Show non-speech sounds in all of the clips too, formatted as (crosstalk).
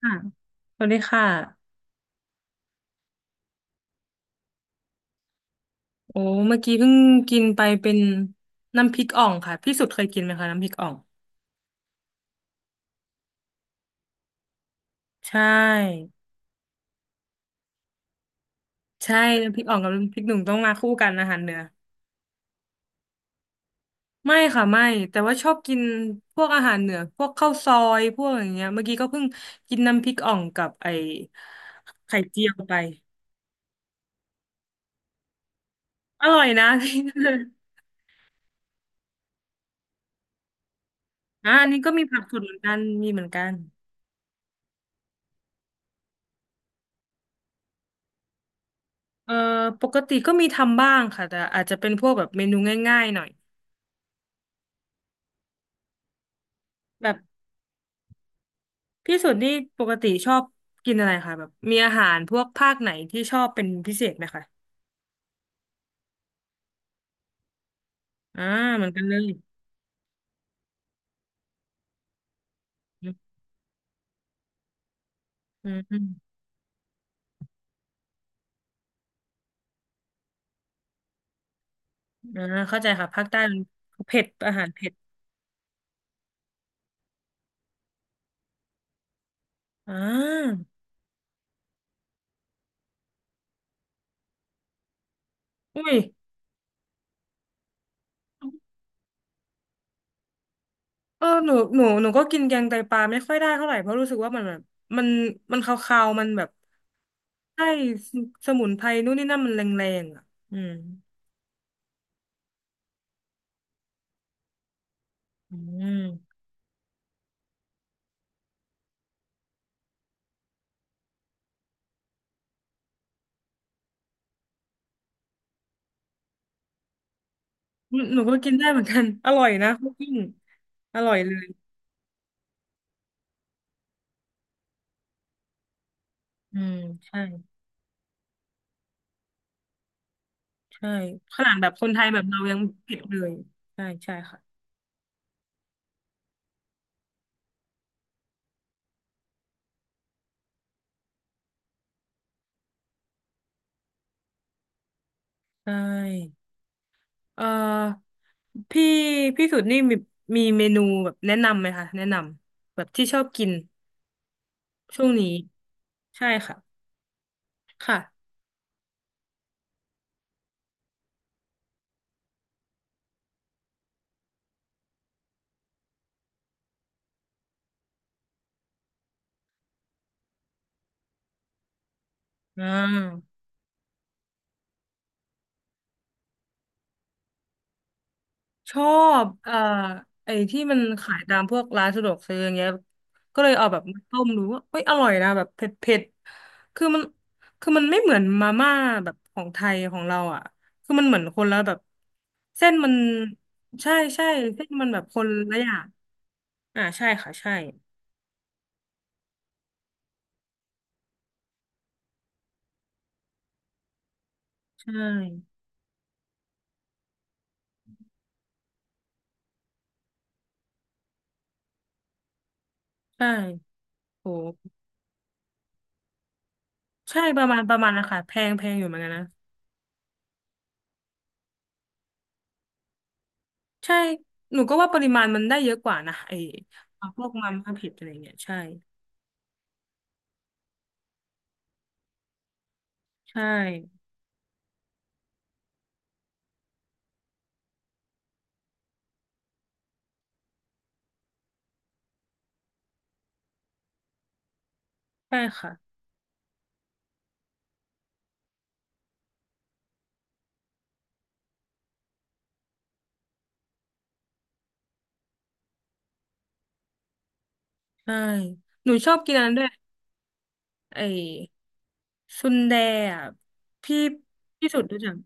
ค่ะสวัสดีค่ะโอ้เมื่อกี้เพิ่งกินไปเป็นน้ำพริกอ่องค่ะพี่สุดเคยกินไหมคะน้ำพริกอ่องใช่ใช่น้ำพริกอ่องกับน้ำพริกหนุ่มต้องมาคู่กันอาหารเหนือไม่ค่ะไม่แต่ว่าชอบกินพวกอาหารเหนือพวกข้าวซอยพวกอย่างเงี้ยเมื่อกี้ก็เพิ่งกินน้ำพริกอ่องกับไอ้ไข่เจียวไปอร่อยนะ (laughs) พี่อ่ะอันนี้ก็มีผักสดเหมือนกันมีเหมือนกันเอ่อปกติก็มีทำบ้างค่ะแต่อาจจะเป็นพวกแบบเมนูง่ายๆหน่อยแบบ พี่สุดนี่ปกติชอบกินอะไรคะแบบมีอาหารพวกภาคไหนที่ชอบเป็นพิเศษไหมคะอ่าเหมือนกันเลยอืมอืมอ่าเข้าใจค่ะภาคใต้มันเผ็ดอาหารเผ็ดอ่าอุ้ยเออหนูก็กินแกงไตปลาไม่ค่อยได้เท่าไหร่เพราะรู้สึกว่ามันแบบมันมันคาวๆมันแบบใช่สมุนไพรนู่นนี่นั่นมันแรงๆอ่ะอืมอืมหนูก็กินได้เหมือนกัน (laughs) อร่อยนะคุกกิ้งอร่อยเลยอืมใช่ ใช่ขนาดแบบคนไทยแบบเรายังผิดเลยใช่ใช่ค่ะใช่เอ่อพี่พี่สุดนี่มีเมนูแบบแนะนำไหมคะแนะนำแบบที่ชอบกินช่วงนี้ใช่ค่ะค่ะอ่า ชอบไอ้ที่มันขายตามพวกร้านสะดวกซื้ออย่างเงี้ยก็เลยเอาแบบมาต้มดูว่าเอ้ยอร่อยนะแบบเผ็ดเผ็ดคือมันคือมันไม่เหมือนมาม่าแบบของไทยของเราอ่ะคือมันเหมือนคนละแบบเส้นมันใช่ใช่เส้นมันแบบคนละอย่างอ่าใช่ค่ะใช่ใช่ใช่โหใช่ประมาณนะคะแพงอยู่เหมือนกันนะใช่หนูก็ว่าปริมาณมันได้เยอะกว่านะไอ้พวกมาม่าเผ็ดอะไรเงี้ยใช่ใช่ ใช่ค่ะใช่หนูชอบกินอันนั้นด้วยไอ้ซุนแดอ่ะพี่พี่สุดรู้จัก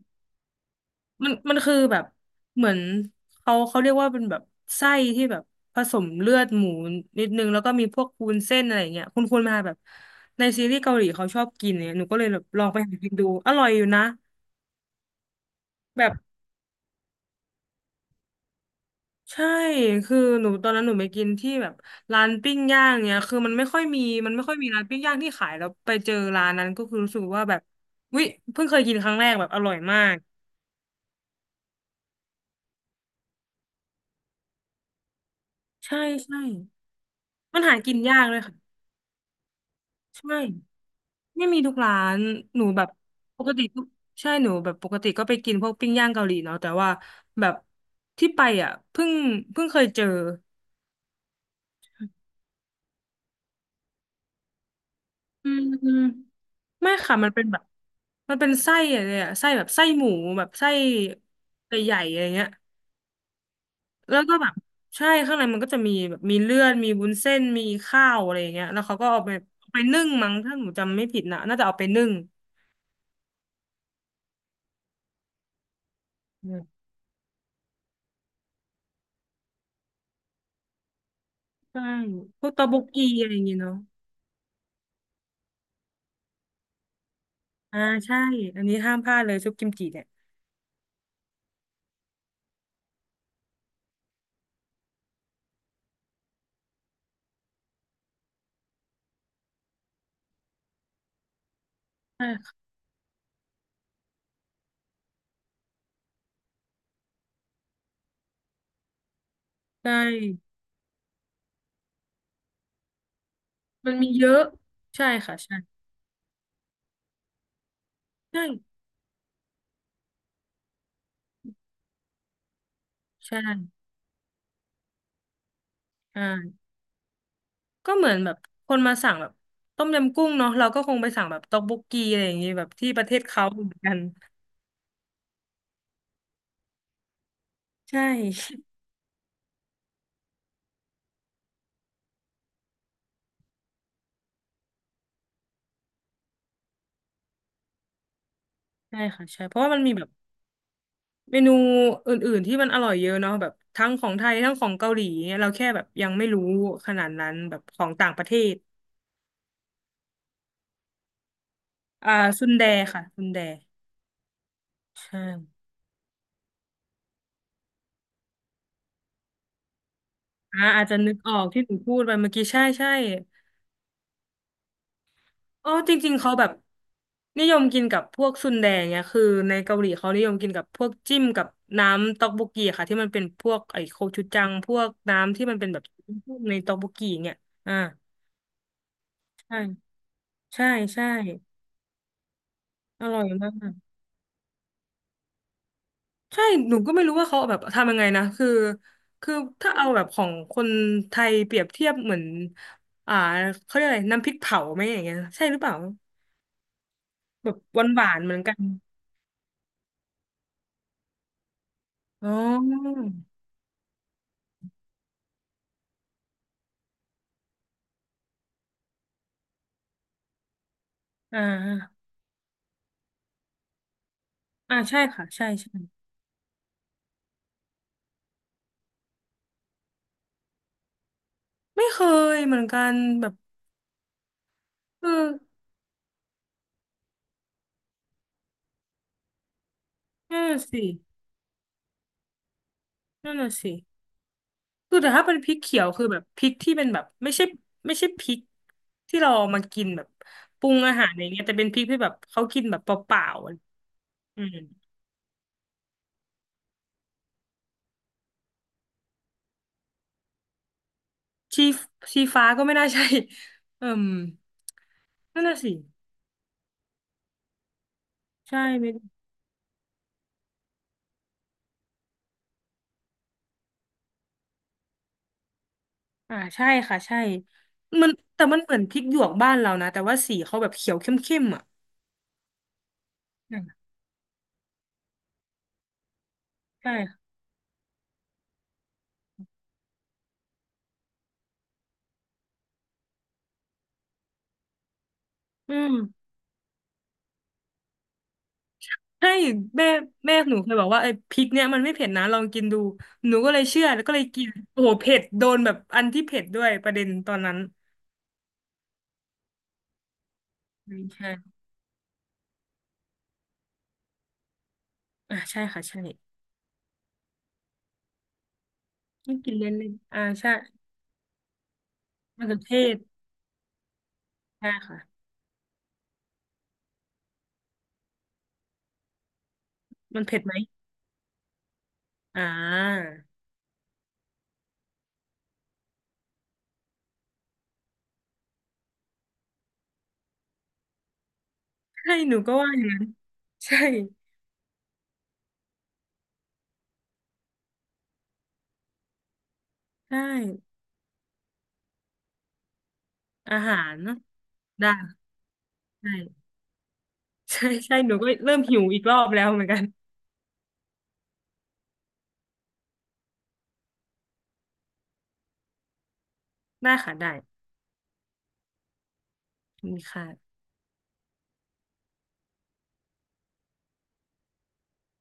มันคือแบบเหมือนเขาเรียกว่าเป็นแบบไส้ที่แบบผสมเลือดหมูนิดนึงแล้วก็มีพวกวุ้นเส้นอะไรอย่างเงี้ยคุณมาแบบในซีรีส์เกาหลีเขาชอบกินเนี่ยหนูก็เลยแบบลองไปหากินดูอร่อยอยู่นะแบบ ใช่คือหนูตอนนั้นหนูไปกินที่แบบร้านปิ้งย่างเนี่ยคือมันไม่ค่อยมีมันไม่ค่อยมีร้านปิ้งย่างที่ขายแล้วไปเจอร้านนั้นก็คือรู้สึกว่าแบบวิเพิ่งเคยกินครั้งแรกแบบอร่อยมากใช่ใช่มันหากินยากเลยค่ะใช่ไม่มีทุกร้านหนูแบบปกติทุกใช่หนูแบบปกติก็ไปกินพวกปิ้งย่างเกาหลีเนาะแต่ว่าแบบที่ไปอ่ะเพิ่งเพิ่งเคยเจออืม ไม่ค่ะมันเป็นแบบมันเป็นไส้อะไรอะไส้แบบไส้หมูแบบไส้ใหญ่ๆอะไรเงี้ยแล้วก็แบบใช่ข้างในมันก็จะมีแบบมีเลือดมีวุ้นเส้นมีข้าวอะไรอย่างเงี้ยแล้วเขาก็เอาไปเอาไปนึ่งมั้งถ้าหนูจำไม่ผิดนะน่าจะเอาไปนึ่งอืมใช่พวกตอกบกกีอะไรอย่างเงี้ยเนาะอ่าใช่อันนี้ห้ามพลาดเลยซุปกิมจิเนี่ยใช่ค่ะใช่มันมีเยอะใช่ค่ะใช่ใช่ใช่อ่า ก็เหมือนแบบคนมาสั่งแบบต้มยำกุ้งเนาะเราก็คงไปสั่งแบบต๊อกบกกีอะไรอย่างงี้แบบที่ประเทศเขาเหมือนกันใช่ใช่ค่ะใช่เพราะว่ามันมีแบบเมนูอื่นๆที่มันอร่อยเยอะเนาะแบบทั้งของไทยทั้งของเกาหลีเนี่ยเราแค่แบบยังไม่รู้ขนาดนั้นแบบของต่างประเทศอ่าซุนแดค่ะซุนแดใช่อ่าอาจจะนึกออกที่หนูพูดไปเมื่อกี้ใช่ใช่ อ๋อจริงๆเขาแบบนิยมกินกับพวกซุนแดงเนี่ยคือในเกาหลีเขานิยมกินกับพวกจิ้มกับน้ำต๊อกบกกีค่ะที่มันเป็นพวกไอ้โคชูจังพวกน้ำที่มันเป็นแบบในต๊อกบกกีเนี่ยอ่าใช่ใช่ใช่อร่อยมากใช่หนูก็ไม่รู้ว่าเขาเอาแบบทำยังไงนะคือถ้าเอาแบบของคนไทยเปรียบเทียบเหมือนอ่าเขาเรียกอะไรน้ำพริกเผาไหมอย่างเงี้ยใช่หรือเปล่าแบบหวานๆเหมือนกันอ๋ออ่า อ่าใช่ค่ะใช่ใช่ไม่เคยเหมือนกันแบบเออนั่นน่ะสินั่นน่ะสิคือแต่ถ้าเป็นพริกเขียวคือแบบพริกที่เป็นแบบไม่ใช่ไม่ใช่พริกที่เราเอามากินแบบปรุงอาหารอะ่รเงี้ยแต่เป็นพริกที่แบบเขากินแบบเปล่าๆอะอืมชีชีฟ้าก็ไม่น่าใช่เอิ่มนั่นน่ะสิใช่ไม่อ่าใช่ค่ะใช่มันแต่มันเหมือนพริกหยวกบ้านเรานะแต่ว่าสีเขาแบบเขียวเข้มๆอ่ะอืมใช่ค่ะอืม ให้แม่แม่หนูเคยบอกว่าไอ้พริกเนี่ยมันไม่เผ็ดนะลองกินดูหนูก็เลยเชื่อแล้วก็เลยกินโอ้โหเผ็ดโดนแบบอันที่เผ็ดด้วยประเด็นตอนนั้นอืมใช่อ่าใช่ค่ะใช่ไม่กินเล่นเล่นอ่าใช่มะเขือเทศใช่ค่ะมันเผ็ดไหมอ่าใช่หนูก็ว่าอย่างนั้นใช่ใช่อาหารเนาะได้ใช่ใช่ใช่หนูก็เริ่มหิวอีกรอบแล้วเหมือนกันได้ค่ะได้มีค่ะ